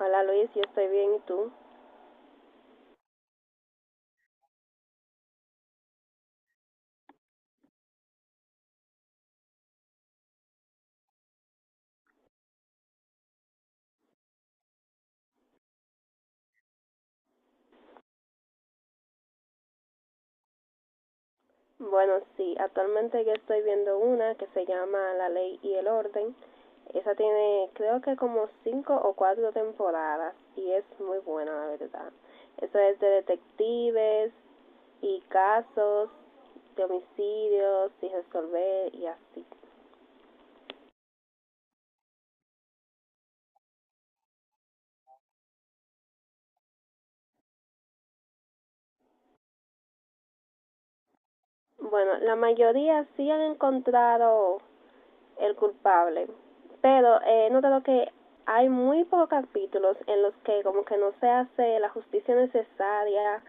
Hola Luis, yo estoy bien y tú. Bueno, sí, actualmente yo estoy viendo una que se llama La Ley y el Orden. Esa tiene creo que como cinco o cuatro temporadas y es muy buena la verdad. Eso es de detectives y casos de homicidios y resolver y así. Bueno, la mayoría sí han encontrado el culpable. Pero he notado que hay muy pocos capítulos en los que como que no se hace la justicia necesaria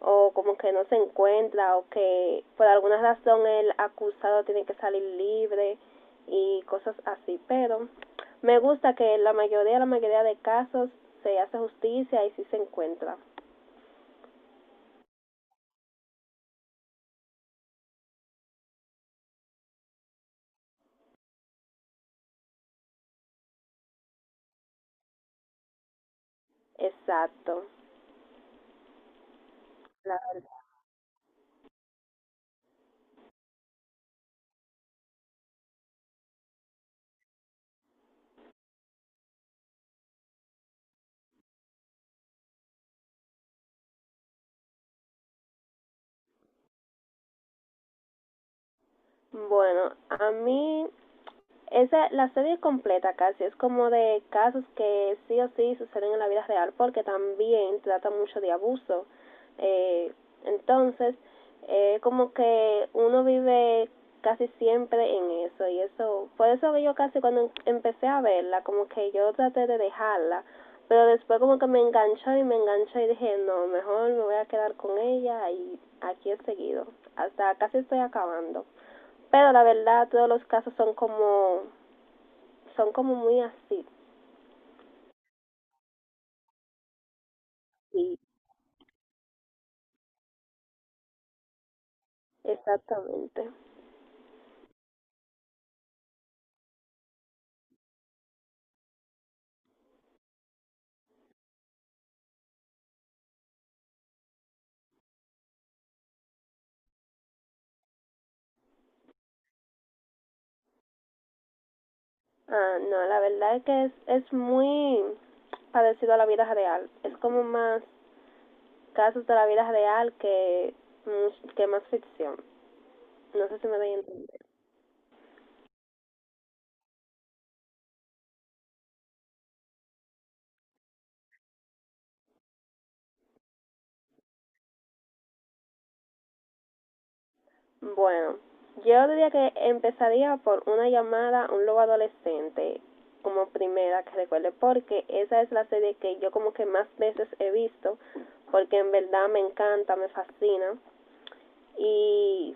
o como que no se encuentra o que por alguna razón el acusado tiene que salir libre y cosas así. Pero me gusta que la mayoría de casos se hace justicia y sí se encuentra. Exacto. Bueno, a mí. Esa, la serie completa casi es como de casos que sí o sí suceden en la vida real porque también trata mucho de abuso. Eh, entonces, como que uno vive casi siempre en eso y eso, por eso que yo casi cuando empecé a verla, como que yo traté de dejarla, pero después como que me enganchó y dije, no, mejor me voy a quedar con ella y aquí he seguido, hasta casi estoy acabando. Pero la verdad, todos los casos son como muy así. Sí, exactamente. Ah, no, la verdad es que es muy parecido a la vida real. Es como más casos de la vida real que, que más ficción. No sé si me doy a entender. Bueno, yo diría que empezaría por una llamada a un lobo adolescente como primera que recuerde porque esa es la serie que yo como que más veces he visto porque en verdad me encanta, me fascina. Y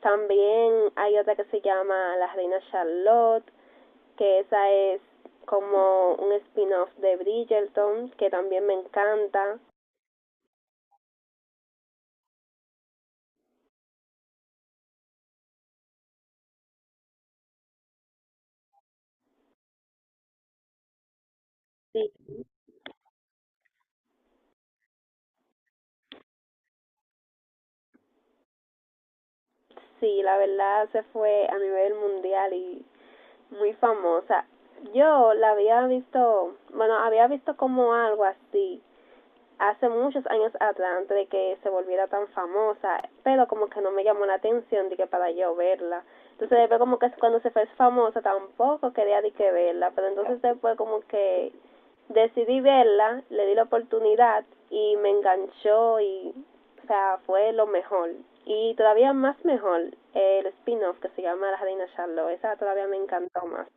también hay otra que se llama La Reina Charlotte, que esa es como un spin-off de Bridgerton, que también me encanta. Sí, la verdad se fue a nivel mundial y muy famosa. Yo la había visto, bueno, había visto como algo así, hace muchos años atrás, antes de que se volviera tan famosa, pero como que no me llamó la atención de que para yo verla. Entonces después como que cuando se fue famosa tampoco quería de que verla, pero entonces después como que decidí verla, le di la oportunidad y me enganchó y, o sea, fue lo mejor. Y todavía más mejor el spin-off que se llama La Reina Charlotte, esa todavía me encantó más.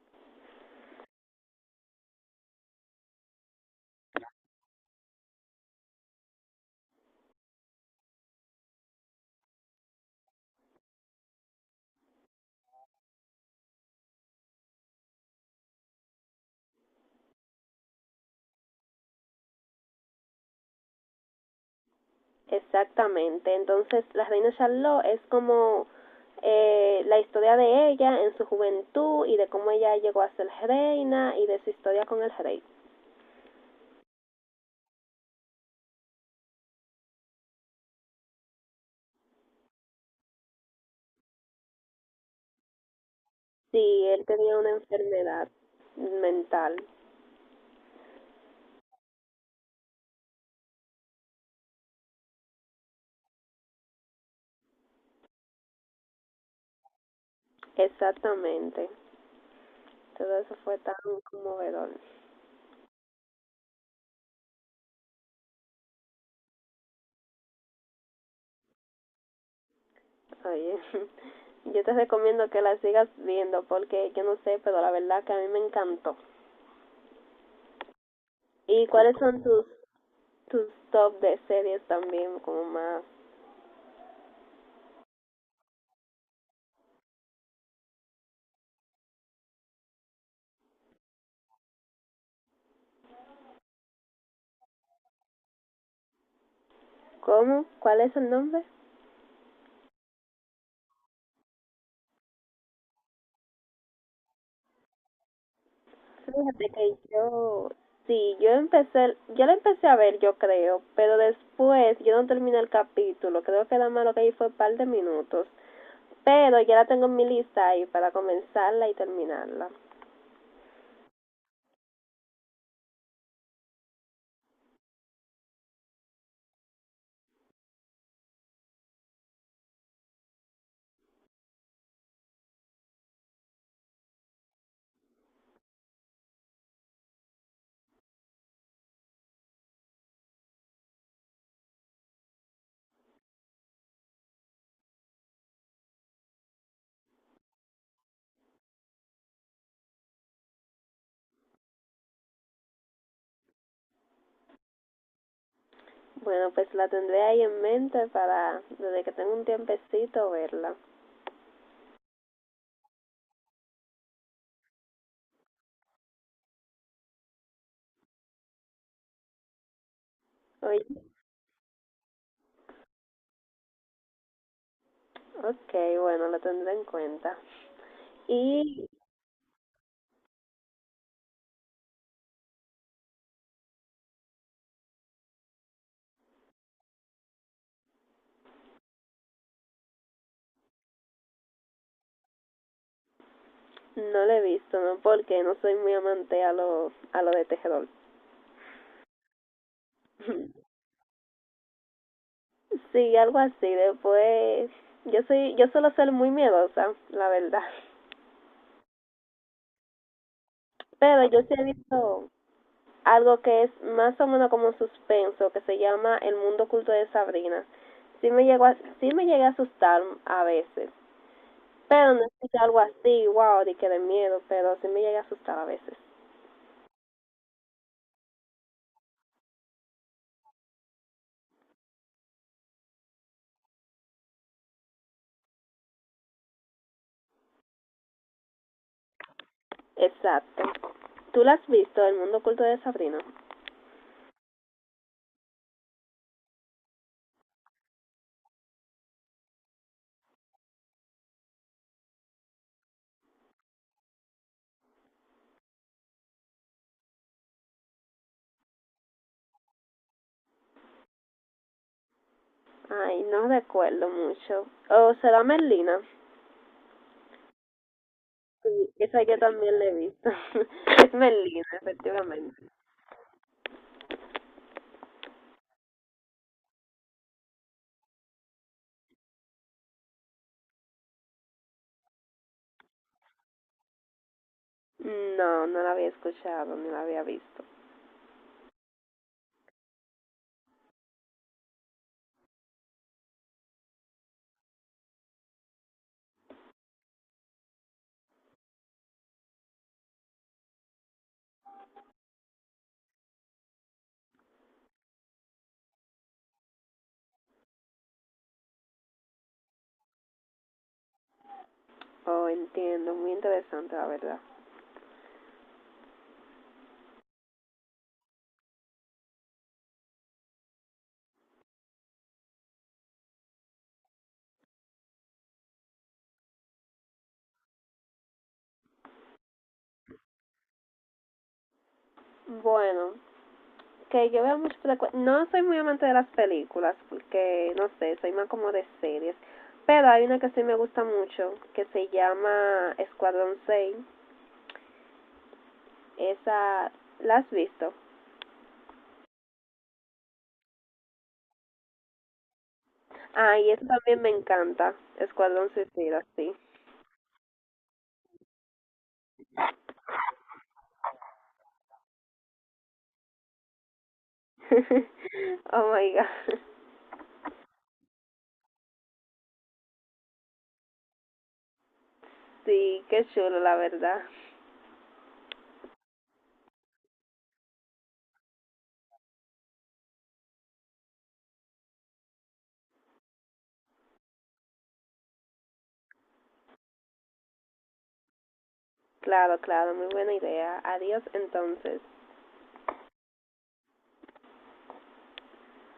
Exactamente. Entonces, La Reina Charlotte es como, la historia de ella en su juventud y de cómo ella llegó a ser reina y de su historia con el rey. Sí, él tenía una enfermedad mental. Exactamente. Todo eso fue tan conmovedor. Oye, yo te recomiendo que la sigas viendo porque yo no sé, pero la verdad que a mí me encantó. ¿Y cuáles son tus, top de series también? Como más... ¿Cómo? ¿Cuál es el nombre? Fíjate que yo, sí, yo la empecé a ver, yo creo, pero después yo no terminé el capítulo, creo que nada más lo que ahí fue un par de minutos, pero ya la tengo en mi lista ahí para comenzarla y terminarla. Bueno, pues la tendré ahí en mente para, desde que tenga un tiempecito, verla. Oye, ok, bueno, la tendré en cuenta. Y no la he visto, ¿no? Porque no soy muy amante a lo de tejedor. Sí, algo así. Después, yo soy, yo suelo ser muy miedosa, la verdad. Pero yo sí he visto algo que es más o menos como un suspenso, que se llama El mundo oculto de Sabrina. Sí me llegué a asustar a veces. Pero no es que sea algo así, wow, de que de miedo, pero sí me llega a asustar a veces. Exacto. ¿Tú la has visto, El mundo oculto de Sabrina? Ay, no recuerdo mucho. ¿O será Merlina? Sí, esa yo también la he visto. es Merlina, efectivamente. No, no la había escuchado, ni la había visto. Oh, entiendo, muy interesante la verdad. Bueno, que yo veo mucho frecu- No soy muy amante de las películas, porque no sé, soy más como de series. Pero hay una que sí me gusta mucho, que se llama Escuadrón 6. Esa, ¿la has visto? Ah, y esa también me encanta. Escuadrón Suicida, sí. oh my god. Sí, qué chulo, la verdad. Claro, claro, muy buena idea. Adiós entonces.